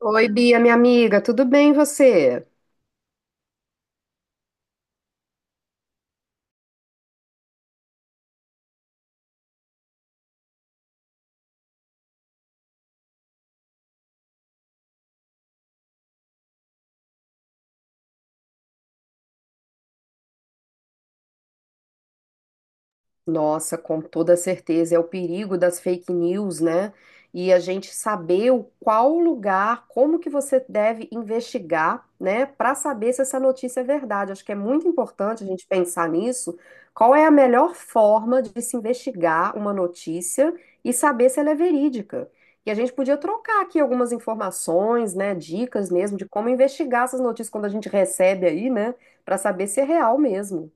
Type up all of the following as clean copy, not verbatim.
Oi, Bia, minha amiga, tudo bem e você? Nossa, com toda certeza, é o perigo das fake news, né? E a gente saber o qual lugar, como que você deve investigar, né, para saber se essa notícia é verdade. Acho que é muito importante a gente pensar nisso. Qual é a melhor forma de se investigar uma notícia e saber se ela é verídica? E a gente podia trocar aqui algumas informações, né, dicas mesmo de como investigar essas notícias quando a gente recebe aí, né, para saber se é real mesmo.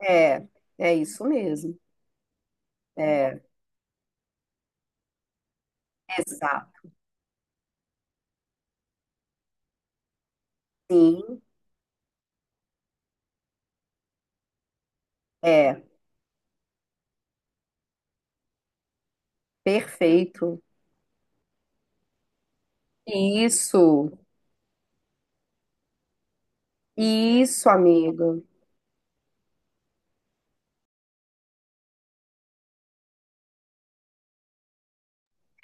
É, é isso mesmo. É, exato. Sim, é, perfeito. Isso, isso, amigo.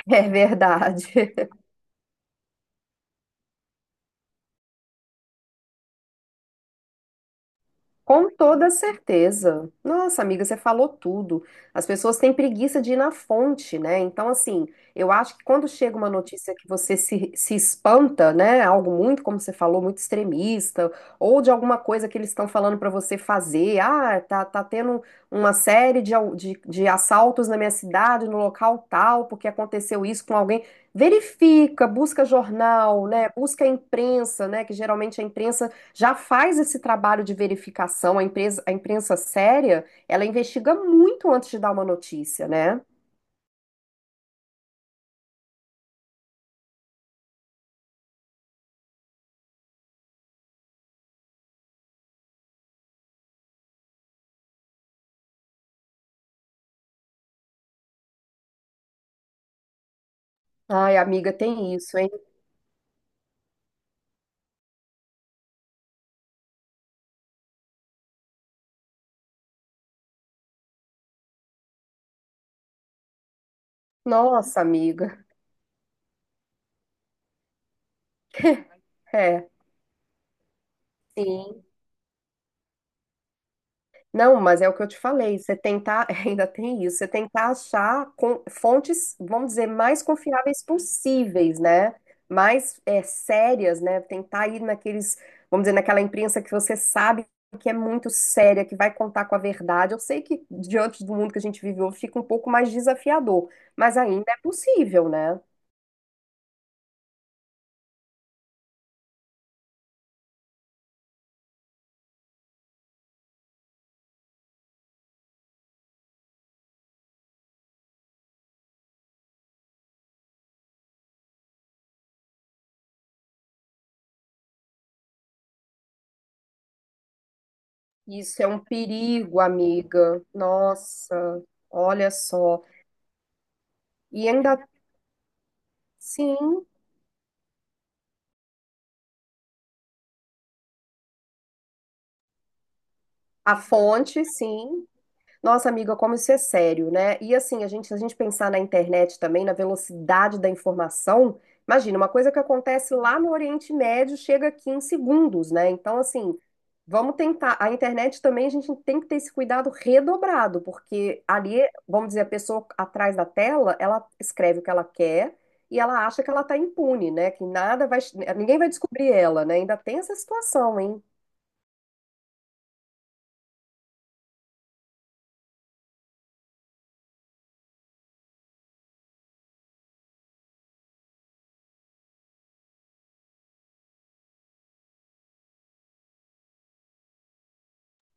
É verdade. Com toda certeza. Nossa, amiga, você falou tudo. As pessoas têm preguiça de ir na fonte, né? Então, assim, eu acho que quando chega uma notícia que você se espanta, né? Algo muito, como você falou, muito extremista, ou de alguma coisa que eles estão falando para você fazer. Ah, tá, tá tendo uma série de assaltos na minha cidade, no local tal, porque aconteceu isso com alguém. Verifica, busca jornal, né? Busca a imprensa, né? Que geralmente a imprensa já faz esse trabalho de verificação. A empresa, a imprensa séria, ela investiga muito antes de dar uma notícia, né? Ai, amiga, tem isso, hein? Nossa, amiga. É, sim. Não, mas é o que eu te falei, você tentar, ainda tem isso, você tentar fontes, vamos dizer, mais confiáveis possíveis, né? Mais é, sérias, né? Tentar ir naqueles, vamos dizer, naquela imprensa que você sabe que é muito séria, que vai contar com a verdade. Eu sei que diante do mundo que a gente vive hoje fica um pouco mais desafiador, mas ainda é possível, né? Isso é um perigo, amiga. Nossa, olha só. E ainda, sim, a fonte, sim. Nossa, amiga, como isso é sério, né? E assim, a gente, se a gente pensar na internet também, na velocidade da informação, imagina, uma coisa que acontece lá no Oriente Médio chega aqui em segundos, né? Então, assim, vamos tentar. A internet também, a gente tem que ter esse cuidado redobrado, porque ali, vamos dizer, a pessoa atrás da tela, ela escreve o que ela quer e ela acha que ela tá impune, né? Que nada vai, ninguém vai descobrir ela, né? Ainda tem essa situação, hein?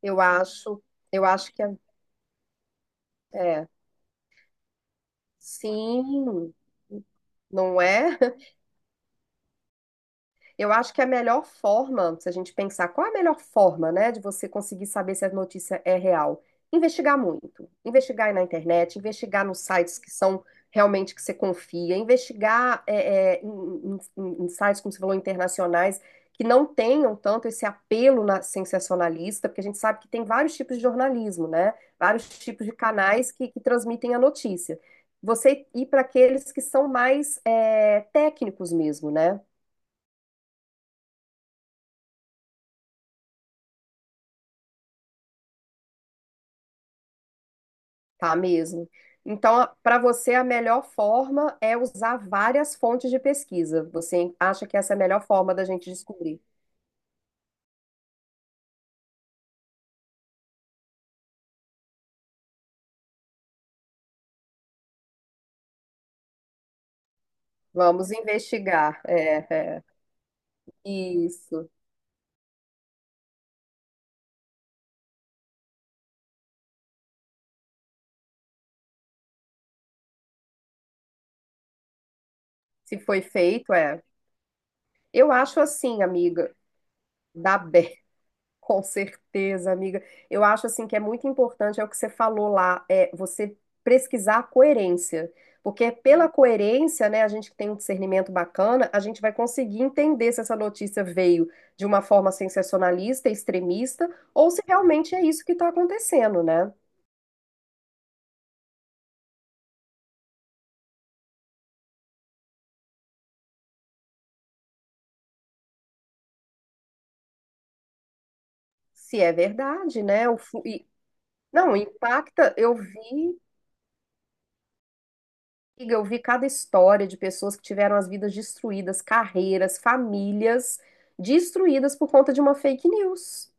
Eu acho, eu acho que é. É. Sim, não é? Eu acho que a melhor forma, se a gente pensar qual é a melhor forma, né, de você conseguir saber se a notícia é real, investigar muito. Investigar aí na internet, investigar nos sites que são realmente que você confia, investigar em sites, como você falou, internacionais, que não tenham tanto esse apelo sensacionalista, porque a gente sabe que tem vários tipos de jornalismo, né? Vários tipos de canais que transmitem a notícia. Você ir para aqueles que são mais é, técnicos mesmo, né? Tá mesmo. Então, para você, a melhor forma é usar várias fontes de pesquisa. Você acha que essa é a melhor forma da gente descobrir? Vamos investigar. É, é. Isso. Se foi feito, é. Eu acho assim, amiga, dá bem. Com certeza, amiga. Eu acho assim que é muito importante, é o que você falou lá, é você pesquisar a coerência. Porque é pela coerência, né, a gente que tem um discernimento bacana, a gente vai conseguir entender se essa notícia veio de uma forma sensacionalista, extremista, ou se realmente é isso que está acontecendo, né? Se é verdade, né? Não, impacta, eu vi. Amiga, eu vi cada história de pessoas que tiveram as vidas destruídas, carreiras, famílias destruídas por conta de uma fake news.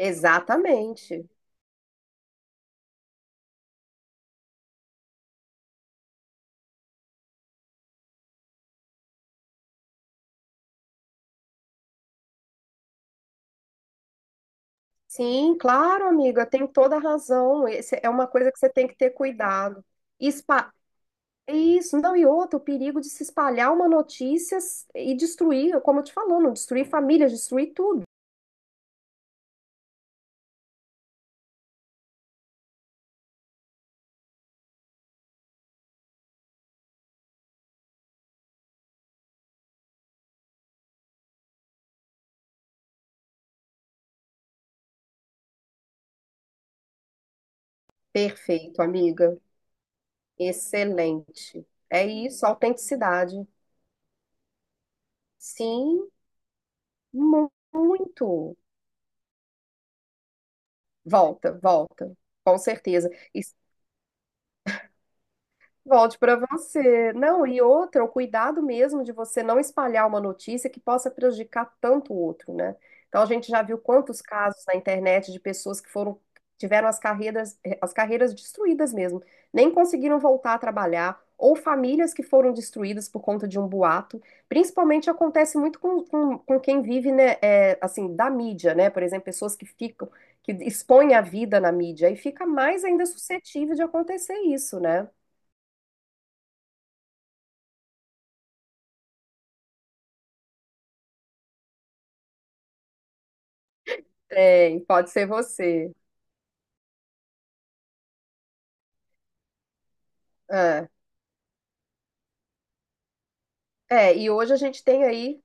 Exatamente. Sim, claro, amiga, tem toda a razão. Esse é uma coisa que você tem que ter cuidado. Espa- Isso, não, e outra, o perigo de se espalhar uma notícia e destruir, como eu te falou, não destruir famílias, destruir tudo. Perfeito, amiga. Excelente. É isso, autenticidade. Sim, muito. Volta, volta, com certeza. E volte para você. Não, e outra, o cuidado mesmo de você não espalhar uma notícia que possa prejudicar tanto o outro, né? Então a gente já viu quantos casos na internet de pessoas que foram tiveram as carreiras destruídas mesmo, nem conseguiram voltar a trabalhar, ou famílias que foram destruídas por conta de um boato. Principalmente acontece muito com quem vive, né, é, assim, da mídia, né? Por exemplo, pessoas que ficam que expõem a vida na mídia e fica mais ainda suscetível de acontecer isso, né? Tem, pode ser você. É. É, e hoje a gente tem aí,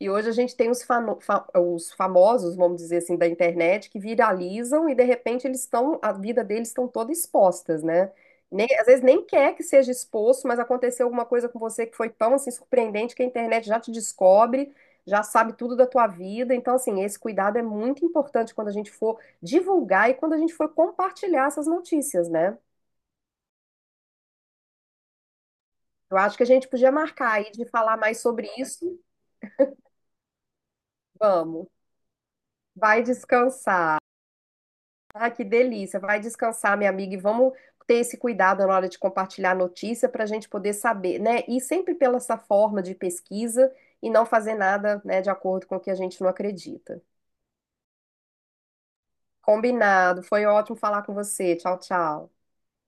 e hoje a gente tem os, os famosos, vamos dizer assim, da internet, que viralizam e de repente eles estão, a vida deles estão toda expostas, né? Nem, às vezes nem quer que seja exposto, mas aconteceu alguma coisa com você que foi tão assim surpreendente que a internet já te descobre, já sabe tudo da tua vida. Então, assim, esse cuidado é muito importante quando a gente for divulgar e quando a gente for compartilhar essas notícias, né? Eu acho que a gente podia marcar aí de falar mais sobre isso. Vamos. Vai descansar. Ah, que delícia. Vai descansar, minha amiga, e vamos ter esse cuidado na hora de compartilhar a notícia para a gente poder saber, né? E sempre pela essa forma de pesquisa e não fazer nada, né, de acordo com o que a gente não acredita. Combinado. Foi ótimo falar com você. Tchau, tchau.